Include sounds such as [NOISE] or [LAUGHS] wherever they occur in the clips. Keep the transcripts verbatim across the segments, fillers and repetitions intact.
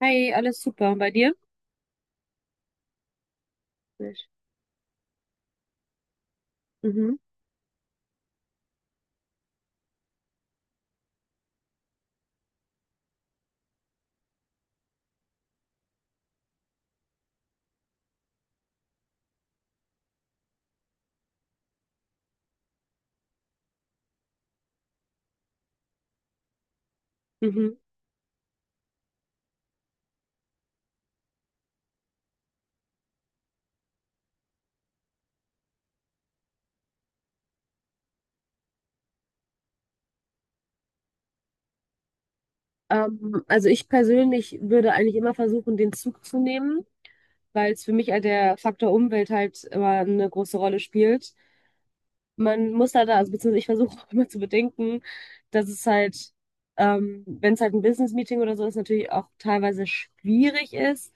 Hi, alles super. Und bei dir? Nicht. Mhm. Mhm. Ähm, also ich persönlich würde eigentlich immer versuchen, den Zug zu nehmen, weil es für mich halt der Faktor Umwelt halt immer eine große Rolle spielt. Man muss da, da also beziehungsweise ich versuche [LAUGHS] auch immer zu bedenken, dass es halt, ähm, wenn es halt ein Business-Meeting oder so ist, natürlich auch teilweise schwierig ist,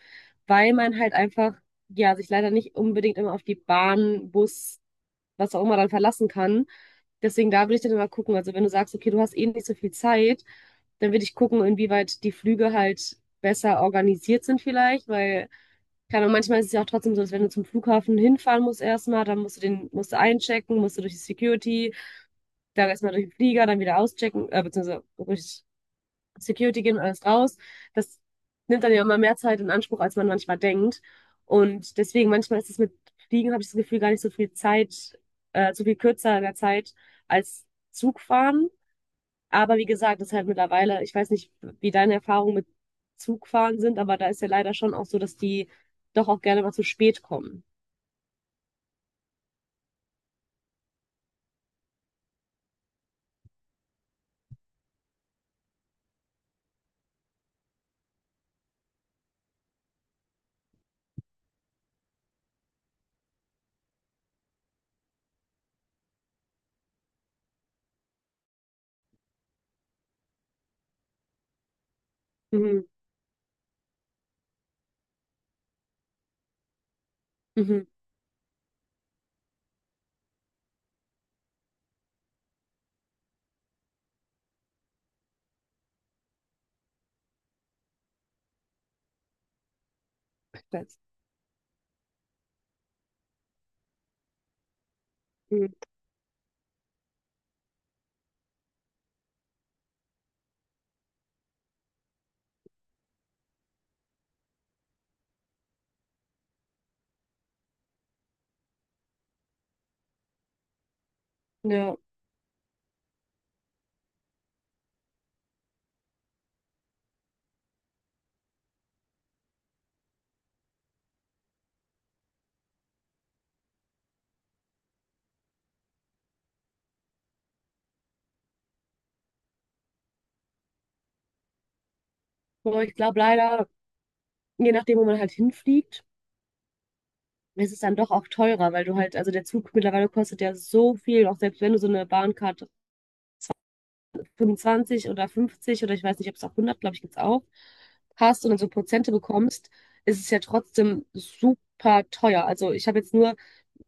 weil man halt einfach, ja, sich leider nicht unbedingt immer auf die Bahn, Bus, was auch immer dann verlassen kann. Deswegen da würde ich dann immer gucken. Also wenn du sagst, okay, du hast eh nicht so viel Zeit, dann würde ich gucken, inwieweit die Flüge halt besser organisiert sind vielleicht, weil, keine Ahnung, manchmal ist es ja auch trotzdem so, dass wenn du zum Flughafen hinfahren musst erstmal, dann musst du den, musst du einchecken, musst du durch die Security, dann erstmal durch den Flieger, dann wieder auschecken, äh, beziehungsweise durch Security gehen und alles raus. Das nimmt dann ja immer mehr Zeit in Anspruch, als man manchmal denkt. Und deswegen, manchmal ist es mit Fliegen, habe ich das Gefühl, gar nicht so viel Zeit, äh, so viel kürzer in der Zeit als Zugfahren. Aber wie gesagt, das ist halt mittlerweile, ich weiß nicht, wie deine Erfahrungen mit Zugfahren sind, aber da ist ja leider schon auch so, dass die doch auch gerne mal zu spät kommen. Mhm. Mhm. Das- Mhm. Ja, aber ich glaube leider, je nachdem, wo man halt hinfliegt, es ist dann doch auch teurer, weil du halt, also der Zug mittlerweile kostet ja so viel, auch selbst wenn du so eine Bahncard fünfundzwanzig oder fünfzig oder ich weiß nicht, ob es auch hundert, glaube ich, gibt's auch, hast und dann so Prozente bekommst, ist es ja trotzdem super teuer. Also ich habe jetzt nur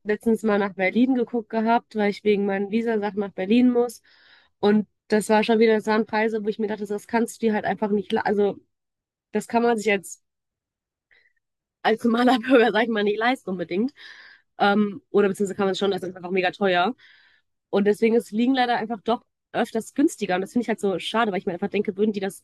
letztens mal nach Berlin geguckt gehabt, weil ich wegen meinen Visasachen nach Berlin muss und das war schon wieder, das waren Preise, wo ich mir dachte, das kannst du dir halt einfach nicht, le- also das kann man sich als als normaler [LAUGHS] Bürger, sag ich mal, nicht leisten unbedingt. Ähm, oder beziehungsweise kann man es schon, das ist einfach mega teuer. Und deswegen ist Fliegen leider einfach doch öfters günstiger. Und das finde ich halt so schade, weil ich mir einfach denke, würden die das,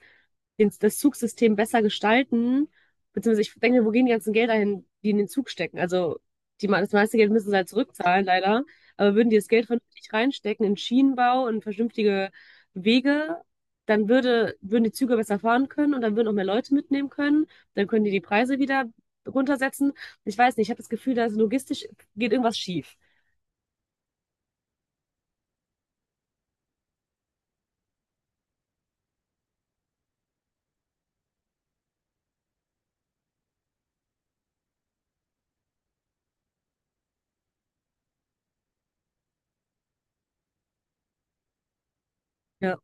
den, das Zugsystem besser gestalten, beziehungsweise ich denke, wo gehen die ganzen Gelder hin, die in den Zug stecken? Also die, me- das meiste Geld müssen sie halt zurückzahlen, leider. Aber würden die das Geld vernünftig reinstecken in Schienenbau und vernünftige Wege, dann würde, würden die Züge besser fahren können und dann würden auch mehr Leute mitnehmen können. Dann können die die Preise wieder runtersetzen. Ich weiß nicht, ich habe das Gefühl, dass logistisch geht irgendwas schief. Ja.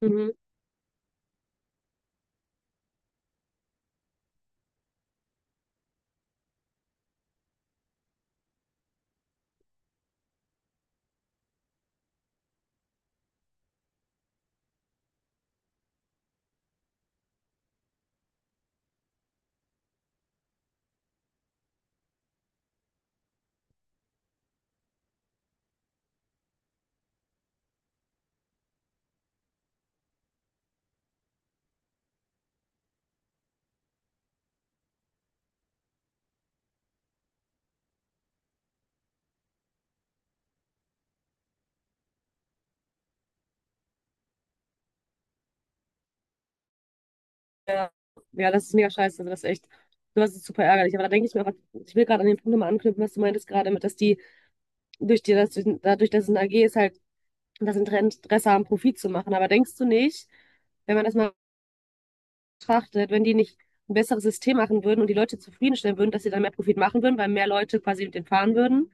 Mhm. Ja, ja, das ist mega scheiße. Also das ist echt, sowas ist super ärgerlich. Aber da denke ich mir einfach, ich will gerade an den Punkt nochmal anknüpfen, was du meintest gerade mit, dass die durch die, dass, durch- dadurch, dass es ein A G ist, halt das Interesse haben, Profit zu machen. Aber denkst du nicht, wenn man das mal betrachtet, wenn die nicht ein besseres System machen würden und die Leute zufriedenstellen würden, dass sie dann mehr Profit machen würden, weil mehr Leute quasi mit denen fahren würden?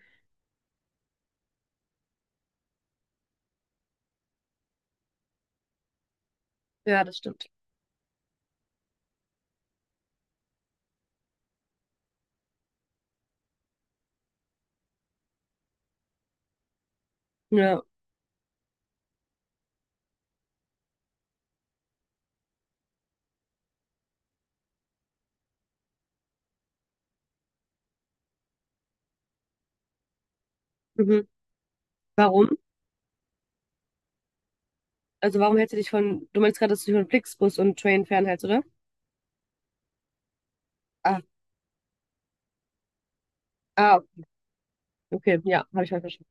Ja, das stimmt. Ja. Mhm. Warum? Also warum hältst du dich von, du meinst gerade, dass du dich von Flixbus und Train fernhältst, oder? Ah, ah, okay, ja, habe ich halt verstanden.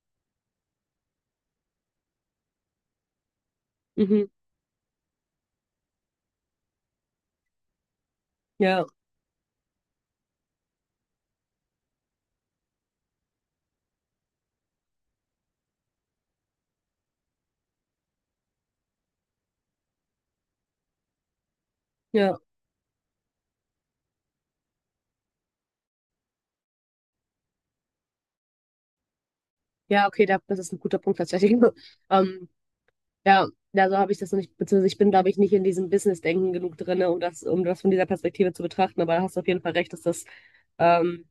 Mhm, ja, ja, ja, okay, da, das ist ein guter Punkt tatsächlich. [LAUGHS] Ähm, ja, ja, so habe ich das noch nicht, beziehungsweise ich bin, glaube ich, nicht in diesem Business-Denken genug drinne, um das, um das von dieser Perspektive zu betrachten, aber da hast du auf jeden Fall recht, dass das, ähm,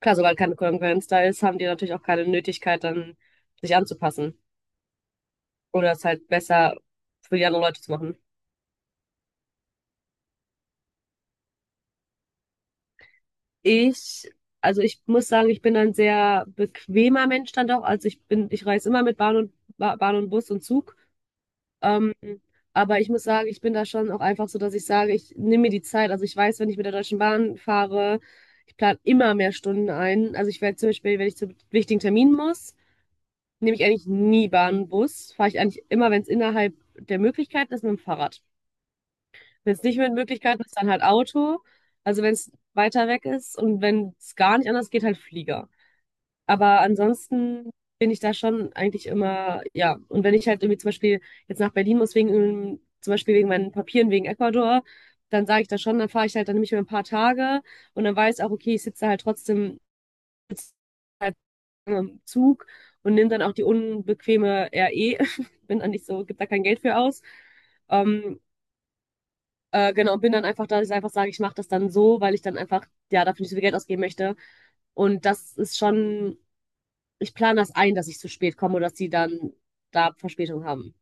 klar, sobald keine Konkurrenz da ist, haben die natürlich auch keine Nötigkeit, dann sich anzupassen oder es halt besser für die anderen Leute zu machen. Ich, also ich muss sagen, ich bin ein sehr bequemer Mensch dann doch. Also ich bin, ich reise immer mit Bahn und Ba- Bahn und Bus und Zug. Ähm, aber ich muss sagen, ich bin da schon auch einfach so, dass ich sage, ich nehme mir die Zeit. Also ich weiß, wenn ich mit der Deutschen Bahn fahre, ich plane immer mehr Stunden ein. Also ich werde zum Beispiel, wenn ich zu wichtigen Terminen muss, nehme ich eigentlich nie Bahn und Bus. Fahre ich eigentlich immer, wenn es innerhalb der Möglichkeiten ist, mit dem Fahrrad. Wenn es nicht mit Möglichkeiten ist, dann halt Auto. Also wenn es weiter weg ist und wenn es gar nicht anders geht, halt Flieger. Aber ansonsten bin ich da schon eigentlich immer, ja. Und wenn ich halt irgendwie zum Beispiel jetzt nach Berlin muss, wegen, ähm, zum Beispiel wegen meinen Papieren, wegen Ecuador, dann sage ich das schon, dann fahre ich halt, dann nehme ich mir ein paar Tage und dann weiß auch, okay, ich sitze halt trotzdem sitze halt im Zug und nehme dann auch die unbequeme R E. [LAUGHS] Bin dann nicht so, gibt da kein Geld für aus. Ähm, äh, genau, bin dann einfach da, dass ich einfach sage, ich mache das dann so, weil ich dann einfach, ja, dafür nicht so viel Geld ausgeben möchte. Und das ist schon, ich plane das ein, dass ich zu spät komme oder dass die dann da Verspätung haben.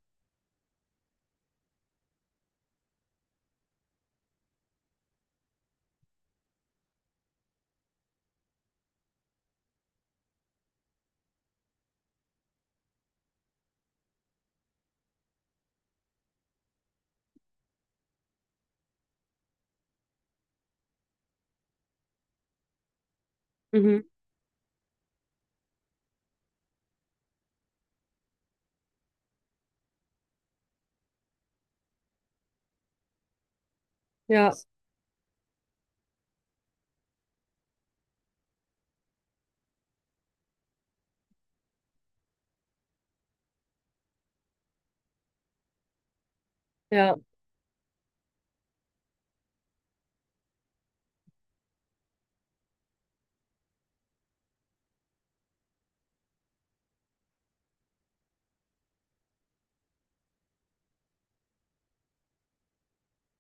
Mhm. Ja, ja,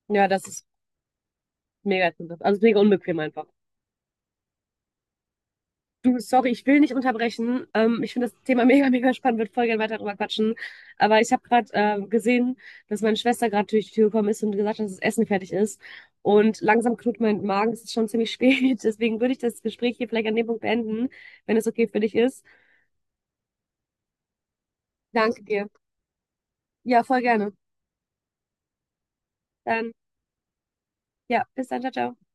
ja, das ist mega interessant. Also mega unbequem einfach. Du, sorry, ich will nicht unterbrechen. Ähm, ich finde das Thema [LAUGHS] mega, mega spannend, würde voll gerne weiter drüber quatschen. Aber ich habe gerade ähm, gesehen, dass meine Schwester gerade durch die Tür gekommen ist und gesagt hat, dass das Essen fertig ist. Und langsam knurrt mein Magen, es ist schon ziemlich spät. [LAUGHS] Deswegen würde ich das Gespräch hier vielleicht an dem Punkt beenden, wenn es okay für dich ist. Danke dir. Ja, voll gerne. Dann, ja, bis dann, ciao, ciao.